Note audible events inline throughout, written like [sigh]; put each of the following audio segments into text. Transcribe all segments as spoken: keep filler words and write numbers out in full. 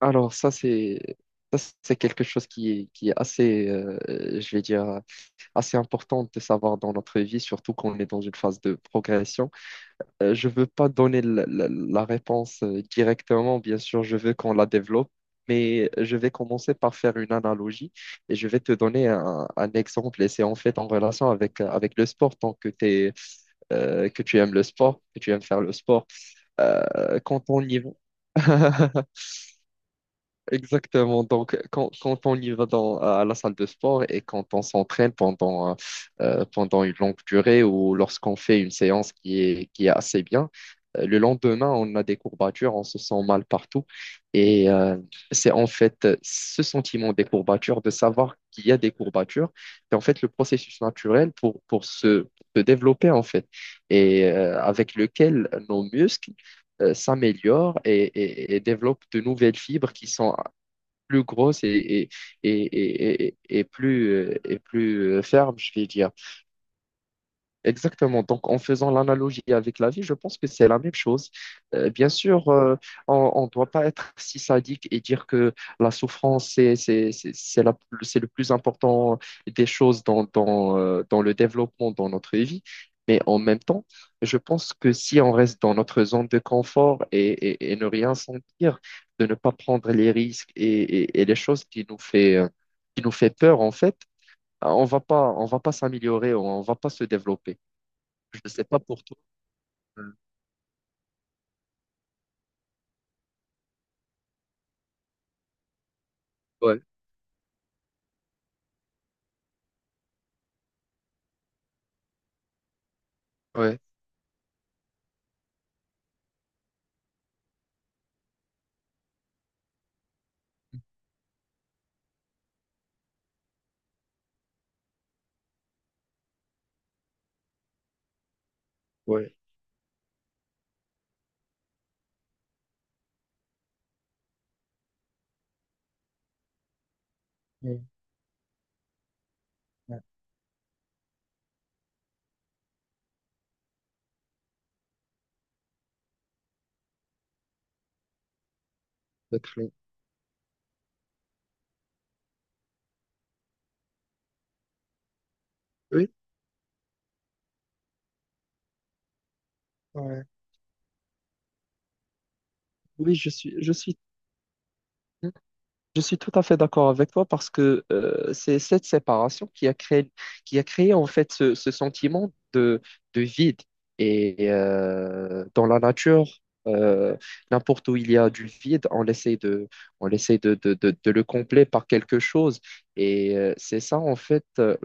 Alors ça c'est ça c'est quelque chose qui est qui est assez, euh, je vais dire assez important de savoir dans notre vie surtout quand on est dans une phase de progression. Euh, je veux pas donner la, la- la réponse euh, directement, bien sûr, je veux qu'on la développe, mais je vais commencer par faire une analogie et je vais te donner un, un exemple et c'est en fait en relation avec avec le sport tant que t'es, euh, que tu aimes le sport, que tu aimes faire le sport. Euh, quand on y va [laughs] exactement. Donc, quand, quand on y va dans, à la salle de sport et quand on s'entraîne pendant, euh, euh, pendant une longue durée ou lorsqu'on fait une séance qui est, qui est assez bien, euh, le lendemain, on a des courbatures, on se sent mal partout. Et euh, c'est en fait, euh, ce sentiment des courbatures, de savoir qu'il y a des courbatures, c'est en fait le processus naturel pour, pour se, pour se développer, en fait, et euh, avec lequel nos muscles, euh, s'améliore et, et- et développe de nouvelles fibres qui sont plus grosse et, et, et, et, et- et plus, euh, et plus, euh, ferme, je vais dire. Exactement. Donc, en faisant l'analogie avec la vie, je pense que c'est la même chose. Euh, bien sûr, euh, on ne doit pas être si sadique et dire que la souffrance, c'est, c'est, c'est, c'est la- c'est le plus important des choses dans, dans, euh, dans le développement, dans notre vie. Mais en même temps, je pense que si on reste dans notre zone de confort et, et- et ne rien sentir, de ne pas prendre les risques et, et- et les choses qui nous fait, euh, qui nous fait peur, en fait, on va pas, on va pas s'améliorer, on va pas se développer. Je sais pas pour toi. euh, Ouais, ouais, ouais. Ouais, ouais, peut, oui, ouais. Oui, je suis, je suis. Je suis tout à fait d'accord avec toi parce que, euh, c'est cette séparation qui a créé, qui a créé en fait ce, ce sentiment de, de vide. Et euh, dans la nature, euh, n'importe où il y a du vide, on essaie de, on essaie de, de, de, de le combler par quelque chose. Et euh, c'est ça en fait, euh,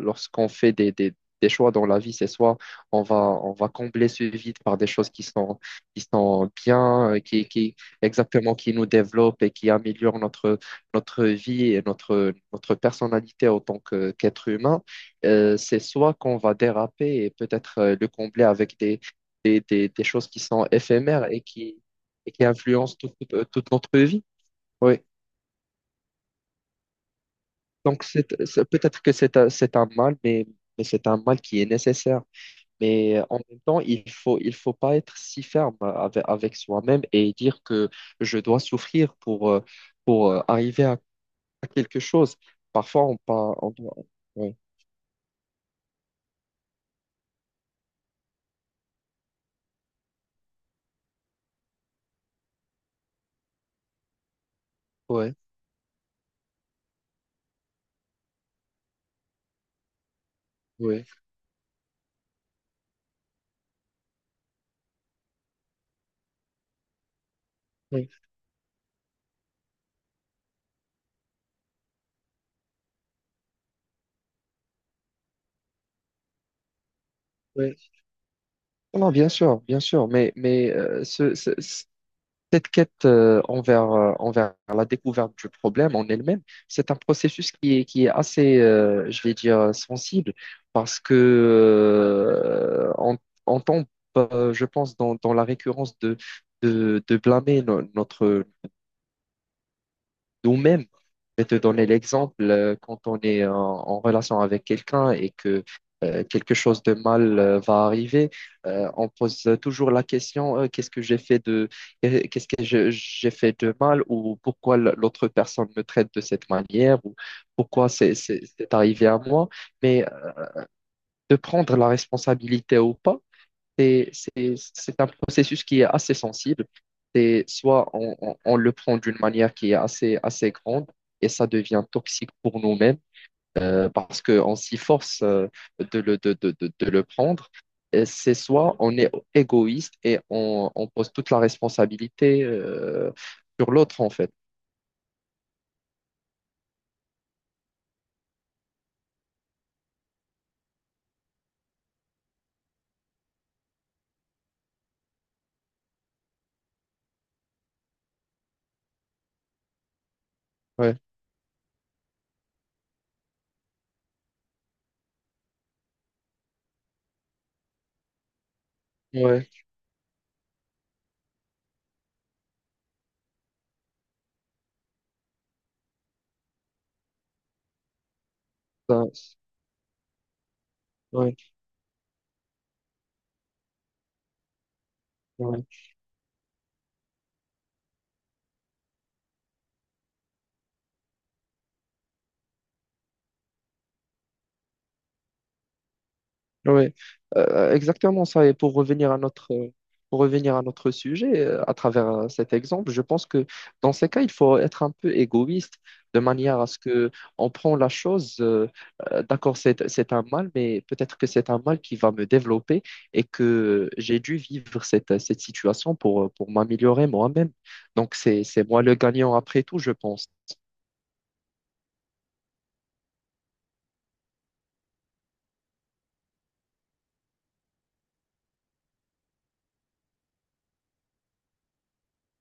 lorsqu'on fait des, des, des choix dans la vie, c'est soit on va, on va combler ce vide par des choses qui sont, qui sont bien, euh, qui, qui, exactement qui nous développe et qui améliore notre, notre vie et notre, notre personnalité en tant que qu'être humain, euh, c'est soit qu'on va déraper et peut-être euh, le combler avec des, des, des, des choses qui sont éphémères et qui, et qui influencent toute, toute toute notre vie. Oui. Donc, c'est, c'est- peut-être que c'est un, c'est un mal, mais, mais c'est un mal qui est nécessaire. Mais euh, en même temps, il faut, il faut pas être si ferme avec, avec soi-même et dire que je dois souffrir pour, euh, pour euh, arriver à à quelque chose. Parfois, on parle. On, on- ouais, ouais, ouais, ouais, ouais. Non, bien sûr, bien sûr. Mais, mais euh, ce- ce- ce- cette quête, euh, envers, euh, envers la découverte du problème en elle-même, c'est un processus qui est, qui est assez, euh, je vais dire, sensible parce que euh, on, on tombe, euh, je pense, dans, dans la récurrence de, de, de blâmer no- notre, nous-mêmes. Je vais te donner l'exemple, euh, quand on est en, en relation avec quelqu'un et que, euh, quelque chose de mal euh, va arriver, euh, on pose toujours la question, euh, qu'est-ce que j'ai fait de, euh, qu'est-ce que je- j'ai fait de mal ou pourquoi l- l'autre personne me traite de cette manière ou pourquoi c'est c'est- c'est arrivé à moi. Mais euh, de prendre la responsabilité ou pas, c'est c'est- c'est un processus qui est assez sensible. C'est soit on, on- on le prend d'une manière qui est assez, assez grande et ça devient toxique pour nous-mêmes, euh, parce qu'on s'y force, euh, de le, de, de, de, de le prendre. Et c'est soit on est égoïste et on, on pose toute la responsabilité euh, sur l'autre en fait. Ouais, ouais, ça, ouais, ouais. Oui, euh, exactement ça. Et pour revenir à notre, euh, pour revenir à notre sujet, euh, à travers euh, cet exemple, je pense que dans ces cas, il faut être un peu égoïste de manière à ce que on prend la chose. Euh, euh, d'accord, c'est, c'est un mal, mais peut-être que c'est un mal qui va me développer et que j'ai dû vivre cette, cette situation pour, euh, pour m'améliorer moi-même. Donc, c'est, c'est moi le gagnant après tout, je pense.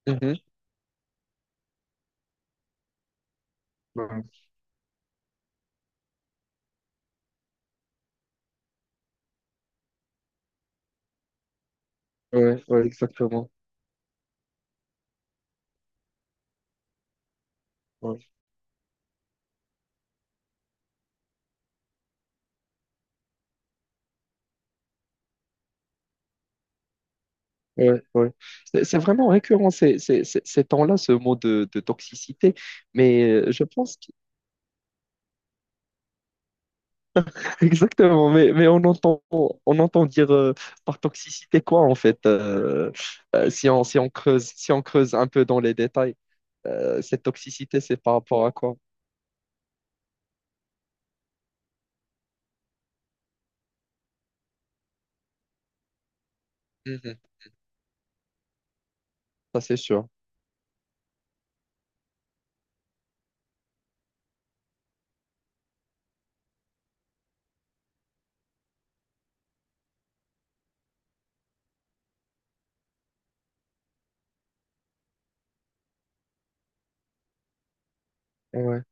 Mhm. Ouais, ouais, ouais, exactement. Ouais, ouais. C'est c'est vraiment récurrent ces, ces, ces- ces temps-là, ce mot de, de toxicité. Mais euh, je pense que [laughs] exactement. Mais, mais on entend, on entend dire, euh, par toxicité quoi en fait, euh, euh, si on, si on creuse, si on creuse un peu dans les détails, euh, cette toxicité, c'est par rapport à quoi? Mhm. Ça, c'est sûr. Ouais,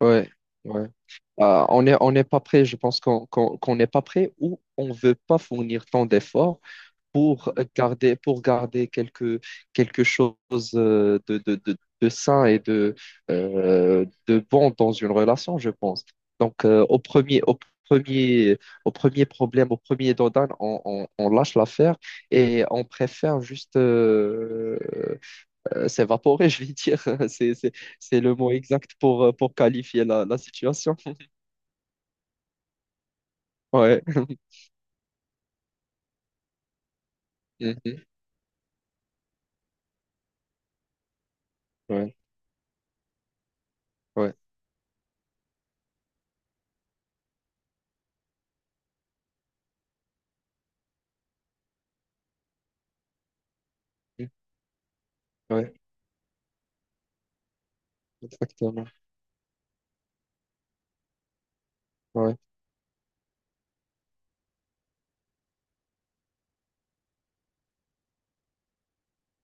ouais, ouais. Euh, on est, on n'est pas prêt. Je pense qu'on qu'on, qu'on n'est pas prêt ou on veut pas fournir tant d'efforts pour garder, pour garder quelque, quelque chose, euh, de, de, de, de sain et de, euh, de bon dans une relation, je pense. Donc, euh, au premier, au premier, au premier problème, au premier dodan, on, on, on lâche l'affaire et on préfère juste, euh, euh, s'évaporer, [laughs] je vais dire. [laughs] C'est, c'est, c'est le mot exact pour, euh, pour qualifier la, la situation. Ouais. [laughs] Mhm. Ouais, ouais, ouais, exactement. Ouais.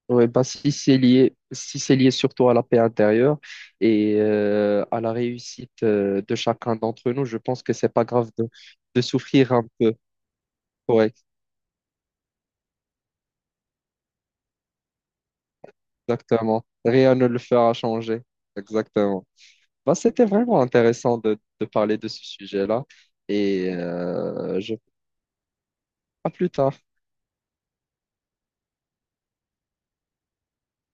Ouais, bah, si c'est lié, si c'est lié surtout à la paix intérieure et euh, à la réussite euh, de chacun d'entre nous, je pense que c'est pas grave de, de souffrir un peu. Ouais, exactement. Rien ne le fera changer. Exactement. Bah, c'était vraiment intéressant de, de parler de ce sujet-là et euh, je, à plus tard.